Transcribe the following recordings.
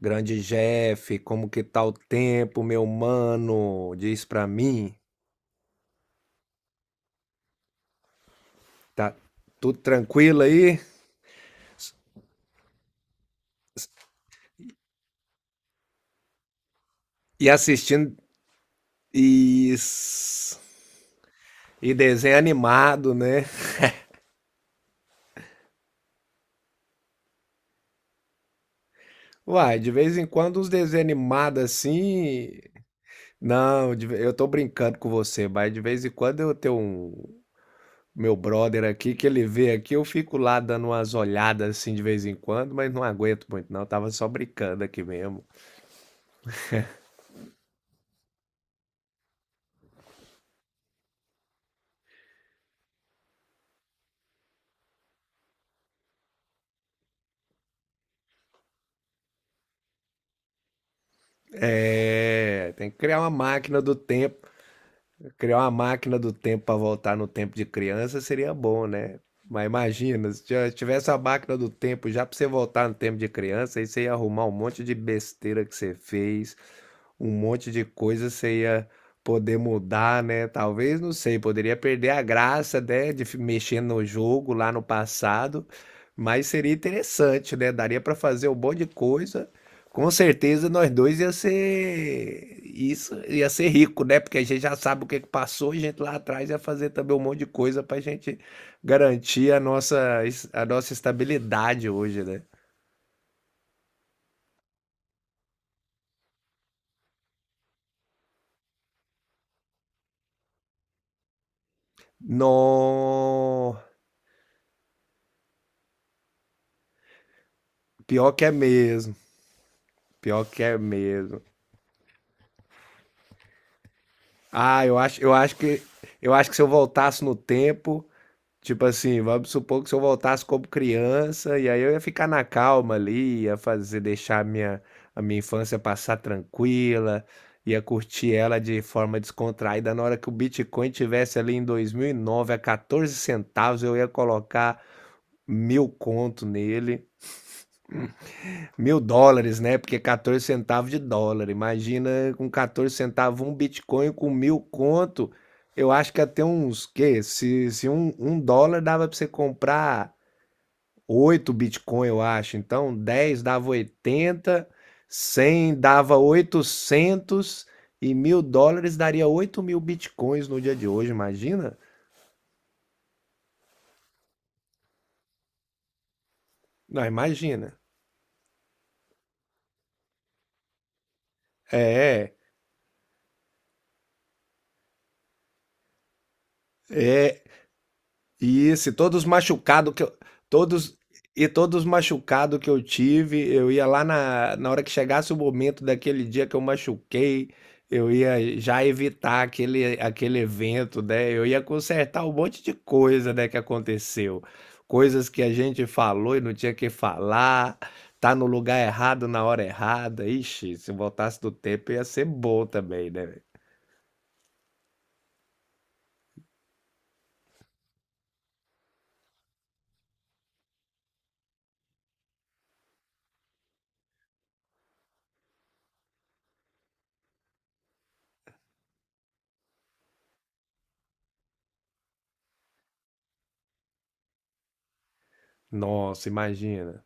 Grande Jeff, como que tá o tempo, meu mano? Diz pra mim. Tá tudo tranquilo aí? E assistindo e, e desenho animado, né? Uai, de vez em quando os desenhos animados assim. Não, eu tô brincando com você, mas de vez em quando eu tenho um. Meu brother aqui, que ele vê aqui, eu fico lá dando umas olhadas assim de vez em quando, mas não aguento muito, não. Tava só brincando aqui mesmo. É, tem que criar uma máquina do tempo. Criar uma máquina do tempo para voltar no tempo de criança seria bom, né? Mas imagina, se já tivesse a máquina do tempo já para você voltar no tempo de criança, aí você ia arrumar um monte de besteira que você fez, um monte de coisa você ia poder mudar, né? Talvez, não sei, poderia perder a graça, né, mexer no jogo lá no passado, mas seria interessante, né? Daria para fazer um monte de coisa. Com certeza nós dois ia ser isso, ia ser rico, né? Porque a gente já sabe o que que passou, e a gente lá atrás ia fazer também um monte de coisa para a gente garantir a nossa estabilidade hoje, né? No, pior que é mesmo, pior que é mesmo. Ah, eu acho que se eu voltasse no tempo, tipo assim, vamos supor que se eu voltasse como criança, e aí eu ia ficar na calma ali, ia fazer, deixar a minha infância passar tranquila, ia curtir ela de forma descontraída. Na hora que o Bitcoin tivesse ali em 2009 a 14 centavos, eu ia colocar mil conto nele, mil dólares, né? Porque 14 centavos de dólar. Imagina com 14 centavos um Bitcoin com mil conto. Eu acho que até uns, que se um dólar dava para você comprar 8 Bitcoin, eu acho. Então, 10 dava oitenta, 100 dava 800 e mil dólares daria 8.000 Bitcoins no dia de hoje, imagina? Não, imagina. É, é, isso, e todos machucados que eu todos e todos machucados que eu tive, eu ia lá na hora que chegasse o momento daquele dia que eu machuquei, eu ia já evitar aquele evento, né, eu ia consertar um monte de coisa, né, que aconteceu. Coisas que a gente falou e não tinha que falar, tá no lugar errado na hora errada. Ixi, se voltasse do tempo ia ser bom também, né. Nossa, imagina.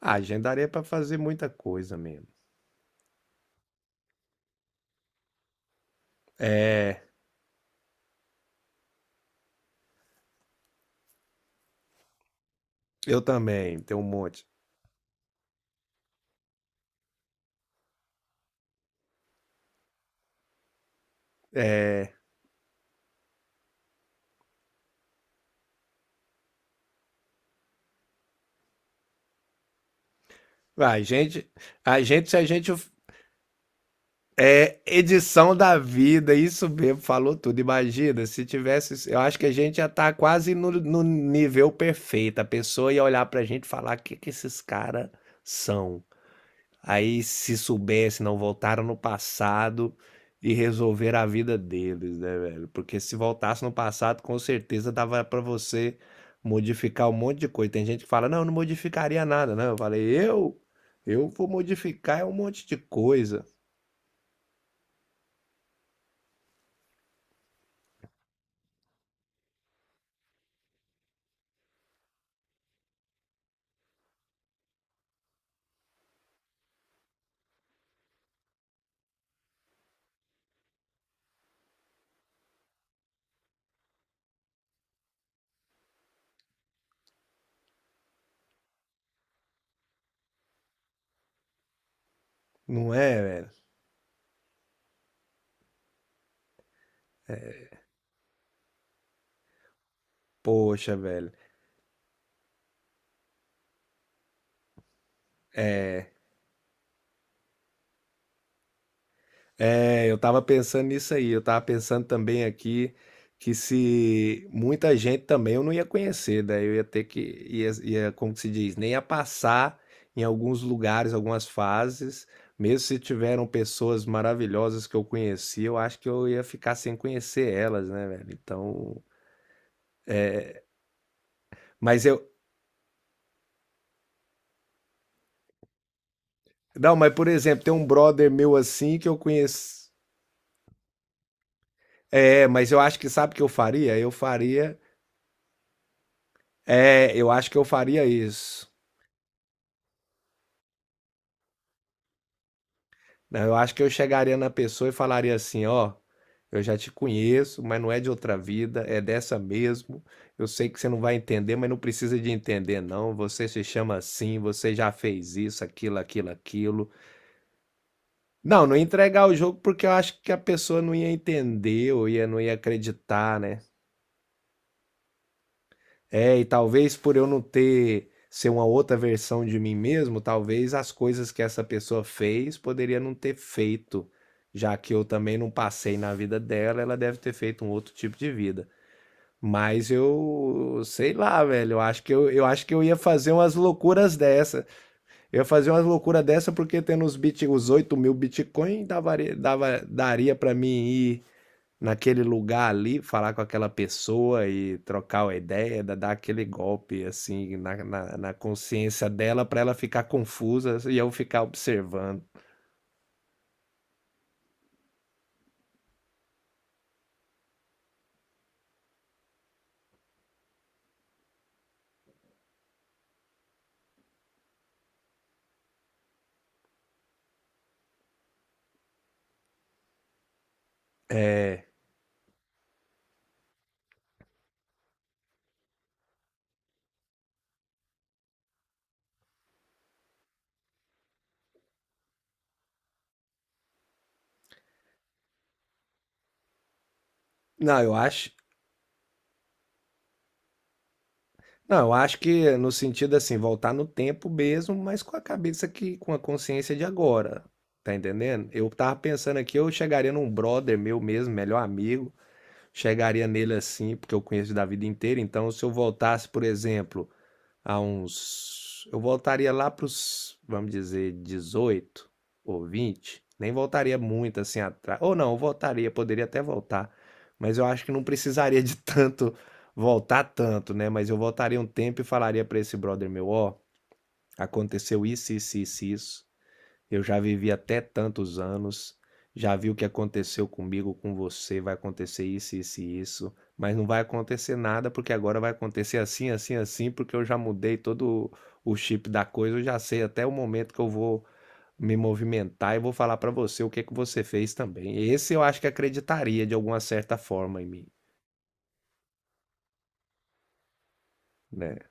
Ah, agendaria pra fazer muita coisa mesmo. É. Eu também, tem um monte. É, a gente, a gente é edição da vida, isso mesmo, falou tudo. Imagina, se tivesse, eu acho que a gente já tá quase no nível perfeito. A pessoa ia olhar pra gente e falar: o que que esses caras são? Aí, se soubesse, não voltaram no passado e resolveram a vida deles, né, velho? Porque se voltasse no passado, com certeza dava pra você modificar um monte de coisa. Tem gente que fala, não, eu não modificaria nada, né? Eu falei, eu vou modificar um monte de coisa, não é, velho? Poxa, velho. É, eu tava pensando nisso aí. Eu tava pensando também aqui que se muita gente também eu não ia conhecer, daí eu ia ter que, como que se diz, nem ia passar em alguns lugares, algumas fases. Mesmo se tiveram pessoas maravilhosas que eu conheci, eu acho que eu ia ficar sem conhecer elas, né, velho? Então, mas eu, não, mas por exemplo, tem um brother meu assim que eu conheci. É, mas eu acho que sabe o que eu faria? Eu faria, é, eu acho que eu faria isso. Não, eu acho que eu chegaria na pessoa e falaria assim: ó, eu já te conheço, mas não é de outra vida, é dessa mesmo. Eu sei que você não vai entender, mas não precisa de entender, não. Você se chama assim, você já fez isso, aquilo, aquilo, aquilo. Não, não ia entregar o jogo porque eu acho que a pessoa não ia entender ou ia, não ia acreditar, né? É, e talvez por eu não ter ser uma outra versão de mim mesmo, talvez as coisas que essa pessoa fez poderia não ter feito, já que eu também não passei na vida dela, ela deve ter feito um outro tipo de vida. Mas eu sei lá, velho. Eu acho que eu ia fazer umas loucuras dessa. Eu ia fazer umas loucuras dessa porque tendo os 8 mil Bitcoin dava, dava, daria pra mim ir naquele lugar ali, falar com aquela pessoa e trocar uma ideia, da dar aquele golpe, assim, na consciência dela para ela ficar confusa e eu ficar observando. É. Não, eu acho não, eu acho que no sentido, assim, voltar no tempo mesmo, mas com a consciência de agora, tá entendendo? Eu tava pensando aqui, eu chegaria num brother meu mesmo, melhor amigo, chegaria nele assim, porque eu conheço da vida inteira, então se eu voltasse, por exemplo, há uns. Eu voltaria lá pros, vamos dizer, 18 ou vinte. Nem voltaria muito assim atrás. Ou não, eu voltaria, poderia até voltar. Mas eu acho que não precisaria de tanto voltar tanto, né? Mas eu voltaria um tempo e falaria para esse brother meu, ó, aconteceu isso, isso, isso, isso. Eu já vivi até tantos anos, já vi o que aconteceu comigo, com você, vai acontecer isso, isso e isso, mas não vai acontecer nada, porque agora vai acontecer assim, assim, assim, porque eu já mudei todo o chip da coisa, eu já sei até o momento que eu vou me movimentar e vou falar pra você o que que você fez também. Esse eu acho que acreditaria de alguma certa forma em mim, né?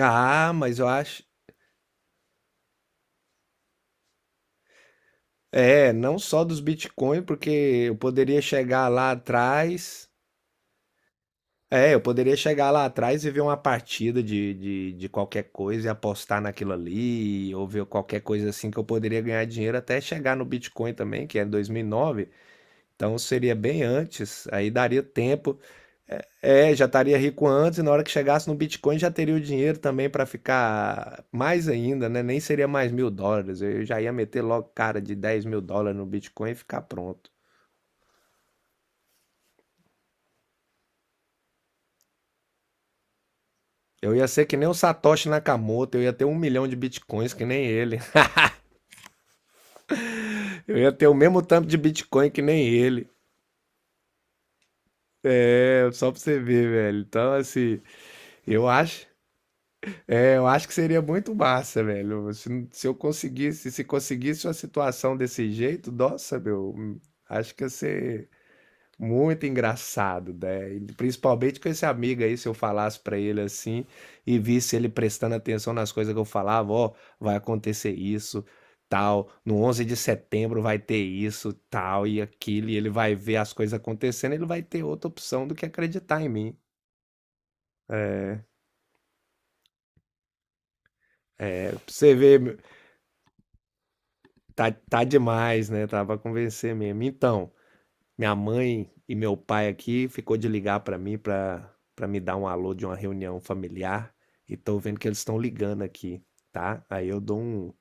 Ah, mas eu acho. É, não só dos Bitcoin, porque eu poderia chegar lá atrás. É, eu poderia chegar lá atrás e ver uma partida de qualquer coisa e apostar naquilo ali, ou ver qualquer coisa assim que eu poderia ganhar dinheiro até chegar no Bitcoin também, que é em 2009. Então seria bem antes, aí daria tempo. É, já estaria rico antes e na hora que chegasse no Bitcoin já teria o dinheiro também para ficar mais ainda, né? Nem seria mais mil dólares. Eu já ia meter logo cara de 10.000 dólares no Bitcoin e ficar pronto. Eu ia ser que nem o Satoshi Nakamoto, eu ia ter um milhão de bitcoins que nem ele. Eu ia ter o mesmo tanto de Bitcoin que nem ele. É, só pra você ver, velho. Então, assim, eu acho, é, eu acho que seria muito massa, velho. Se eu conseguisse, se conseguisse uma situação desse jeito, nossa, meu, acho que ia ser muito engraçado, né? E principalmente com esse amigo aí, se eu falasse pra ele assim e visse ele prestando atenção nas coisas que eu falava, ó, vai acontecer isso, tal, no 11 de setembro vai ter isso, tal e aquilo, e ele vai ver as coisas acontecendo, ele vai ter outra opção do que acreditar em mim. Pra você ver, meu, tá, tá demais, né? Tava a convencer mesmo. Então, minha mãe e meu pai aqui ficou de ligar para mim para me dar um alô de uma reunião familiar, e tô vendo que eles estão ligando aqui, tá? Aí eu dou um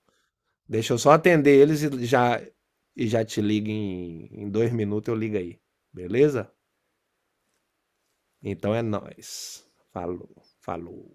deixa eu só atender eles e já te ligo em 2 minutos eu ligo aí, beleza? Então é nóis. Falou, falou.